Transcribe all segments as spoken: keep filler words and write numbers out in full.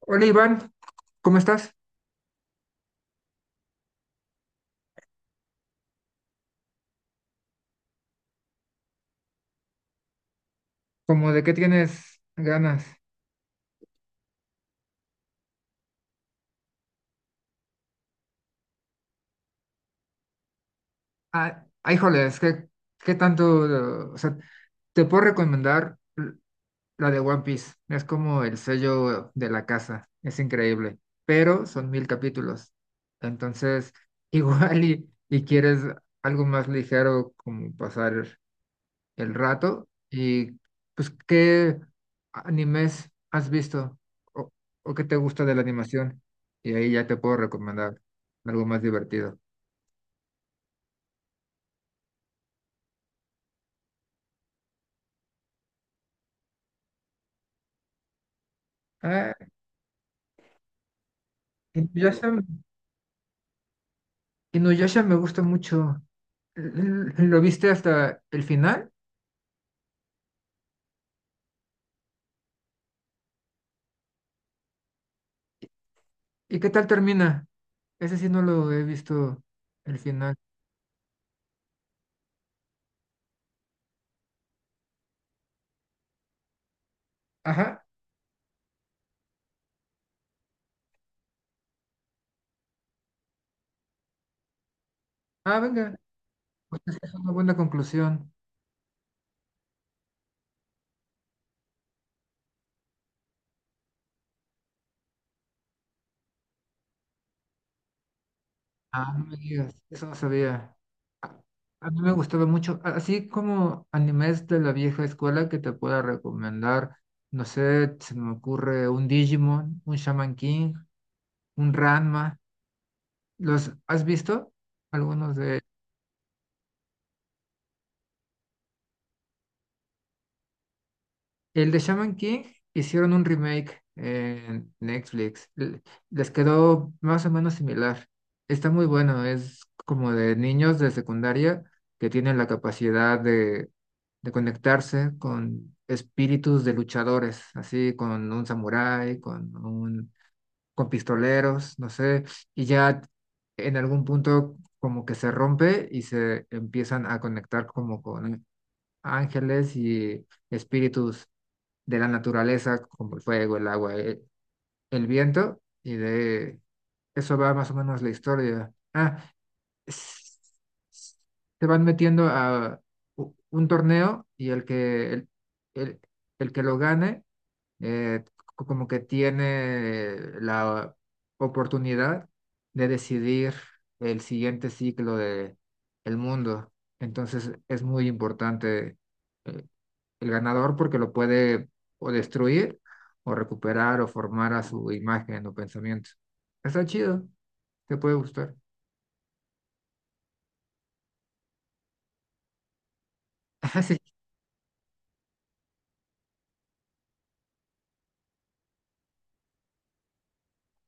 Hola Iván, ¿cómo estás? ¿Cómo de qué tienes ganas? Ah, ah, híjoles, ¿qué, ¿qué tanto? O sea, te puedo recomendar l- la de One Piece. Es como el sello de la casa, es increíble, pero son mil capítulos. Entonces, igual y, y quieres algo más ligero como pasar el rato. Y pues, ¿qué animes has visto o, o qué te gusta de la animación? Y ahí ya te puedo recomendar algo más divertido. Ah, Inuyasha, Inuyasha me gusta mucho. L- l- ¿Lo viste hasta el final? ¿Y qué tal termina? Ese sí no lo he visto el final. Ajá. Ah, venga. Pues esa es una buena conclusión. Ah, no me digas, eso no sabía. A, a mí me gustaba mucho, a- así como animes de la vieja escuela que te pueda recomendar, no sé, se me ocurre un Digimon, un Shaman King, un Ranma. ¿Los has visto? Algunos de el de Shaman King hicieron un remake en Netflix. L- Les quedó más o menos similar. Está muy bueno, es como de niños de secundaria que tienen la capacidad de, de conectarse con espíritus de luchadores, así con un samurái, con un, con pistoleros, no sé, y ya en algún punto como que se rompe y se empiezan a conectar como con ángeles y espíritus de la naturaleza, como el fuego, el agua, e- el viento, y de eso va más o menos la historia. Ah, s- s- Se van metiendo a u- un torneo y el que, el, el- el que lo gane, eh, co- como que tiene la oportunidad de decidir el siguiente ciclo de el mundo. Entonces es muy importante eh, el ganador porque lo puede o destruir o recuperar o formar a su imagen o pensamiento. Está chido, te puede gustar. Ajá, sí,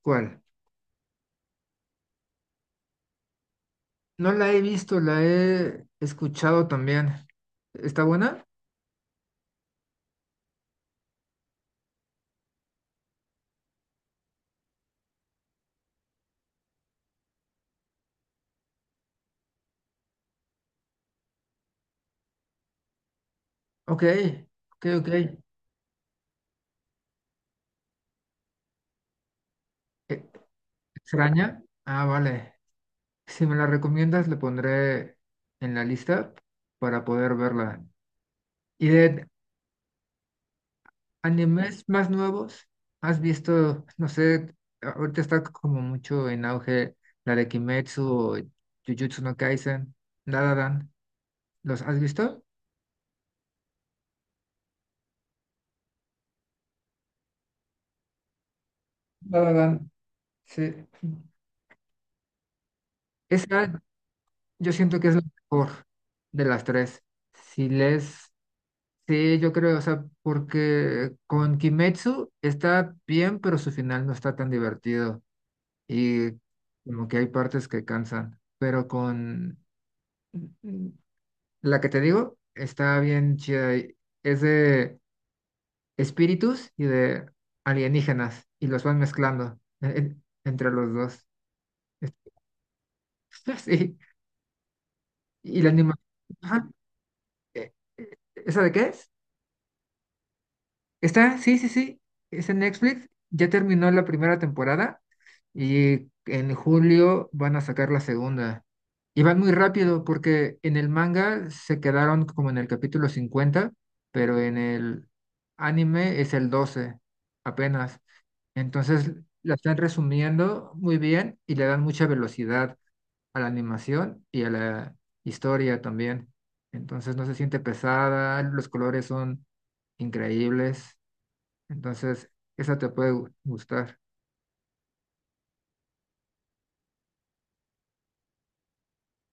¿cuál? No la he visto, la he escuchado también. ¿Está buena? Ok, ok, ok. Eh, ¿Extraña? Ah, vale. Si me la recomiendas, le pondré en la lista para poder verla. Y de animes más nuevos, ¿has visto, no sé, ahorita está como mucho en auge la de Kimetsu o Jujutsu no Kaisen, La La Land, ¿los has visto? La La Land, sí. Esa yo siento que es la mejor de las tres. Si les sí, yo creo, o sea, porque con Kimetsu está bien, pero su final no está tan divertido y como que hay partes que cansan, pero con... La que te digo está bien chida. y Es de espíritus y de alienígenas y los van mezclando en- en- entre los dos. Sí. Y la animación. ¿Esa de qué es? Está, sí, sí, sí, es en Netflix, ya terminó la primera temporada y en julio van a sacar la segunda. Y van muy rápido porque en el manga se quedaron como en el capítulo cincuenta, pero en el anime es el doce apenas. Entonces la están resumiendo muy bien y le dan mucha velocidad a la animación y a la historia también. Entonces no se siente pesada, los colores son increíbles, entonces esa te puede gu- gustar.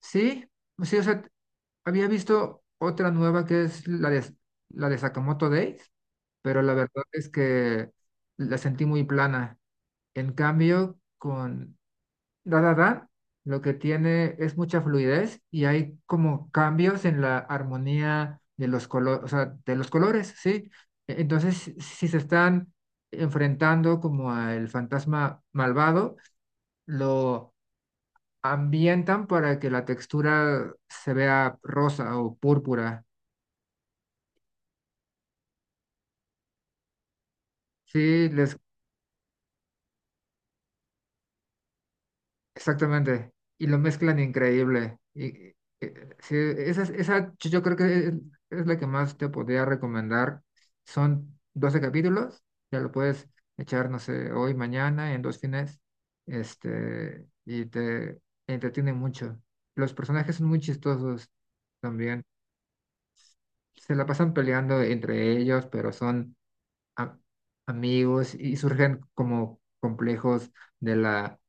Sí, sí, o sea, había visto otra nueva que es la de, la de Sakamoto Days, pero la verdad es que la sentí muy plana. En cambio, con dada Da lo que tiene es mucha fluidez y hay como cambios en la armonía de los colores, o sea, de los colores, sí. E- Entonces, si si se están enfrentando como al fantasma malvado, lo ambientan para que la textura se vea rosa o púrpura. Sí, les, exactamente. Y lo mezclan increíble. Y eh, sí, esa, es- esa yo yo creo que es, es la que más te podría recomendar. Son doce capítulos, ya lo puedes echar, no sé, hoy, mañana, en dos fines, este, y te entretiene mucho. Los personajes son muy chistosos también. Se la pasan peleando entre ellos, pero son a- amigos y surgen como complejos de la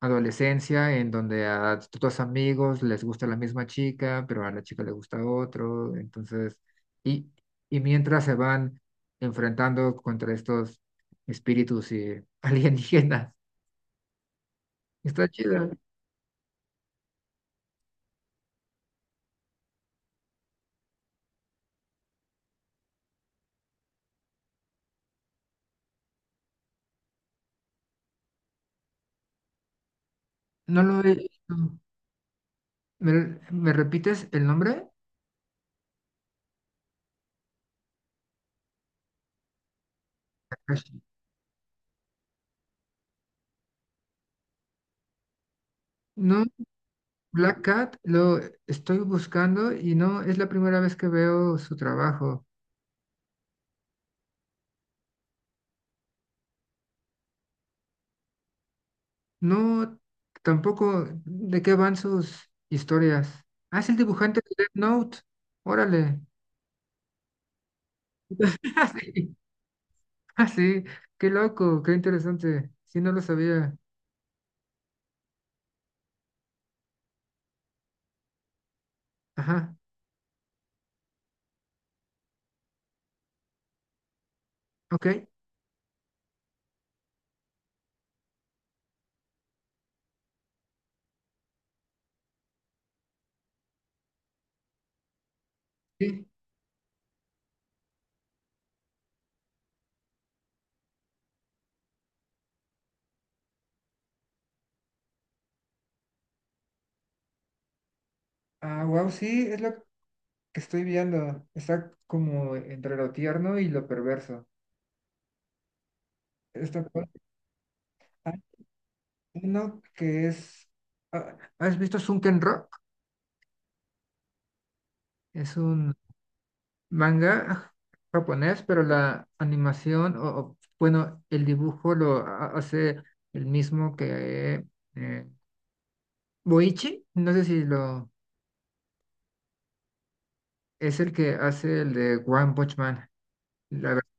adolescencia en donde a tus amigos les gusta la misma chica, pero a la chica le gusta otro, entonces, y, y mientras se van enfrentando contra estos espíritus y alienígenas. Está chida. No lo he visto. ¿Me, ¿me repites el nombre? Takashi. No, Black Cat lo estoy buscando y no es la primera vez que veo su trabajo. No, tampoco. ¿De qué van sus historias? Ah, es el dibujante de Death Note. Órale. Ah, sí. Ah, sí. Qué loco, qué interesante. Sí, no lo sabía. Ajá. Ok. Sí. Ah, wow, sí, es lo que estoy viendo. Está como entre lo tierno y lo perverso. Está cool. Hay uno que es. Ah, ¿has visto Sunken Rock? Es un manga japonés, pero la animación, o, o, bueno, el dibujo lo ha- hace el mismo que eh, Boichi, no sé si lo es el que hace el de One Punch Man, la versión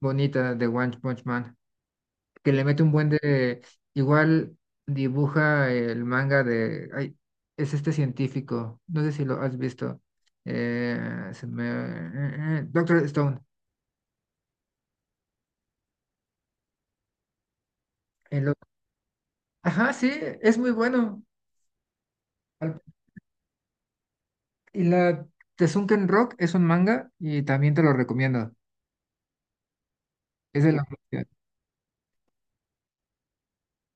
bonita de One Punch Man, que le mete un buen de, igual dibuja el manga de, ay, es este científico, no sé si lo has visto, eh, se me- eh, eh, Doctor Stone. El ajá, sí, es muy bueno. Al y la Tesunken Rock es un manga y también te lo recomiendo. Es de la...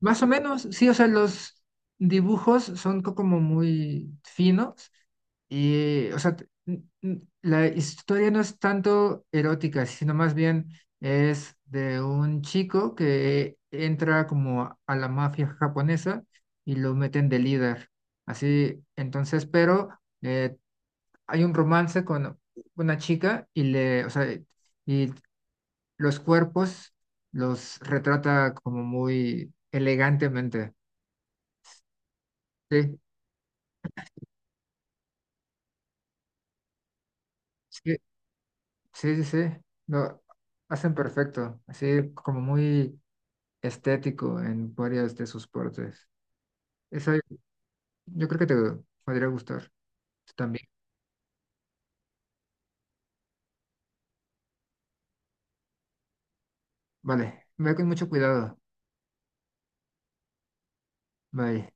Más o menos, sí, o sea, los dibujos son co- como muy finos y, o sea, t- n- n- la historia no es tanto erótica, sino más bien es de un chico que entra como a a la mafia japonesa y lo meten de líder. Así, entonces, pero eh, hay un romance con una chica y le, o sea, y los cuerpos los retrata como muy elegantemente. Sí, sí, sí, sí, sí, Lo hacen perfecto, así como muy estético en varias de sus partes. Eso yo creo que te podría gustar también. Vale, ve con mucho cuidado. Bye.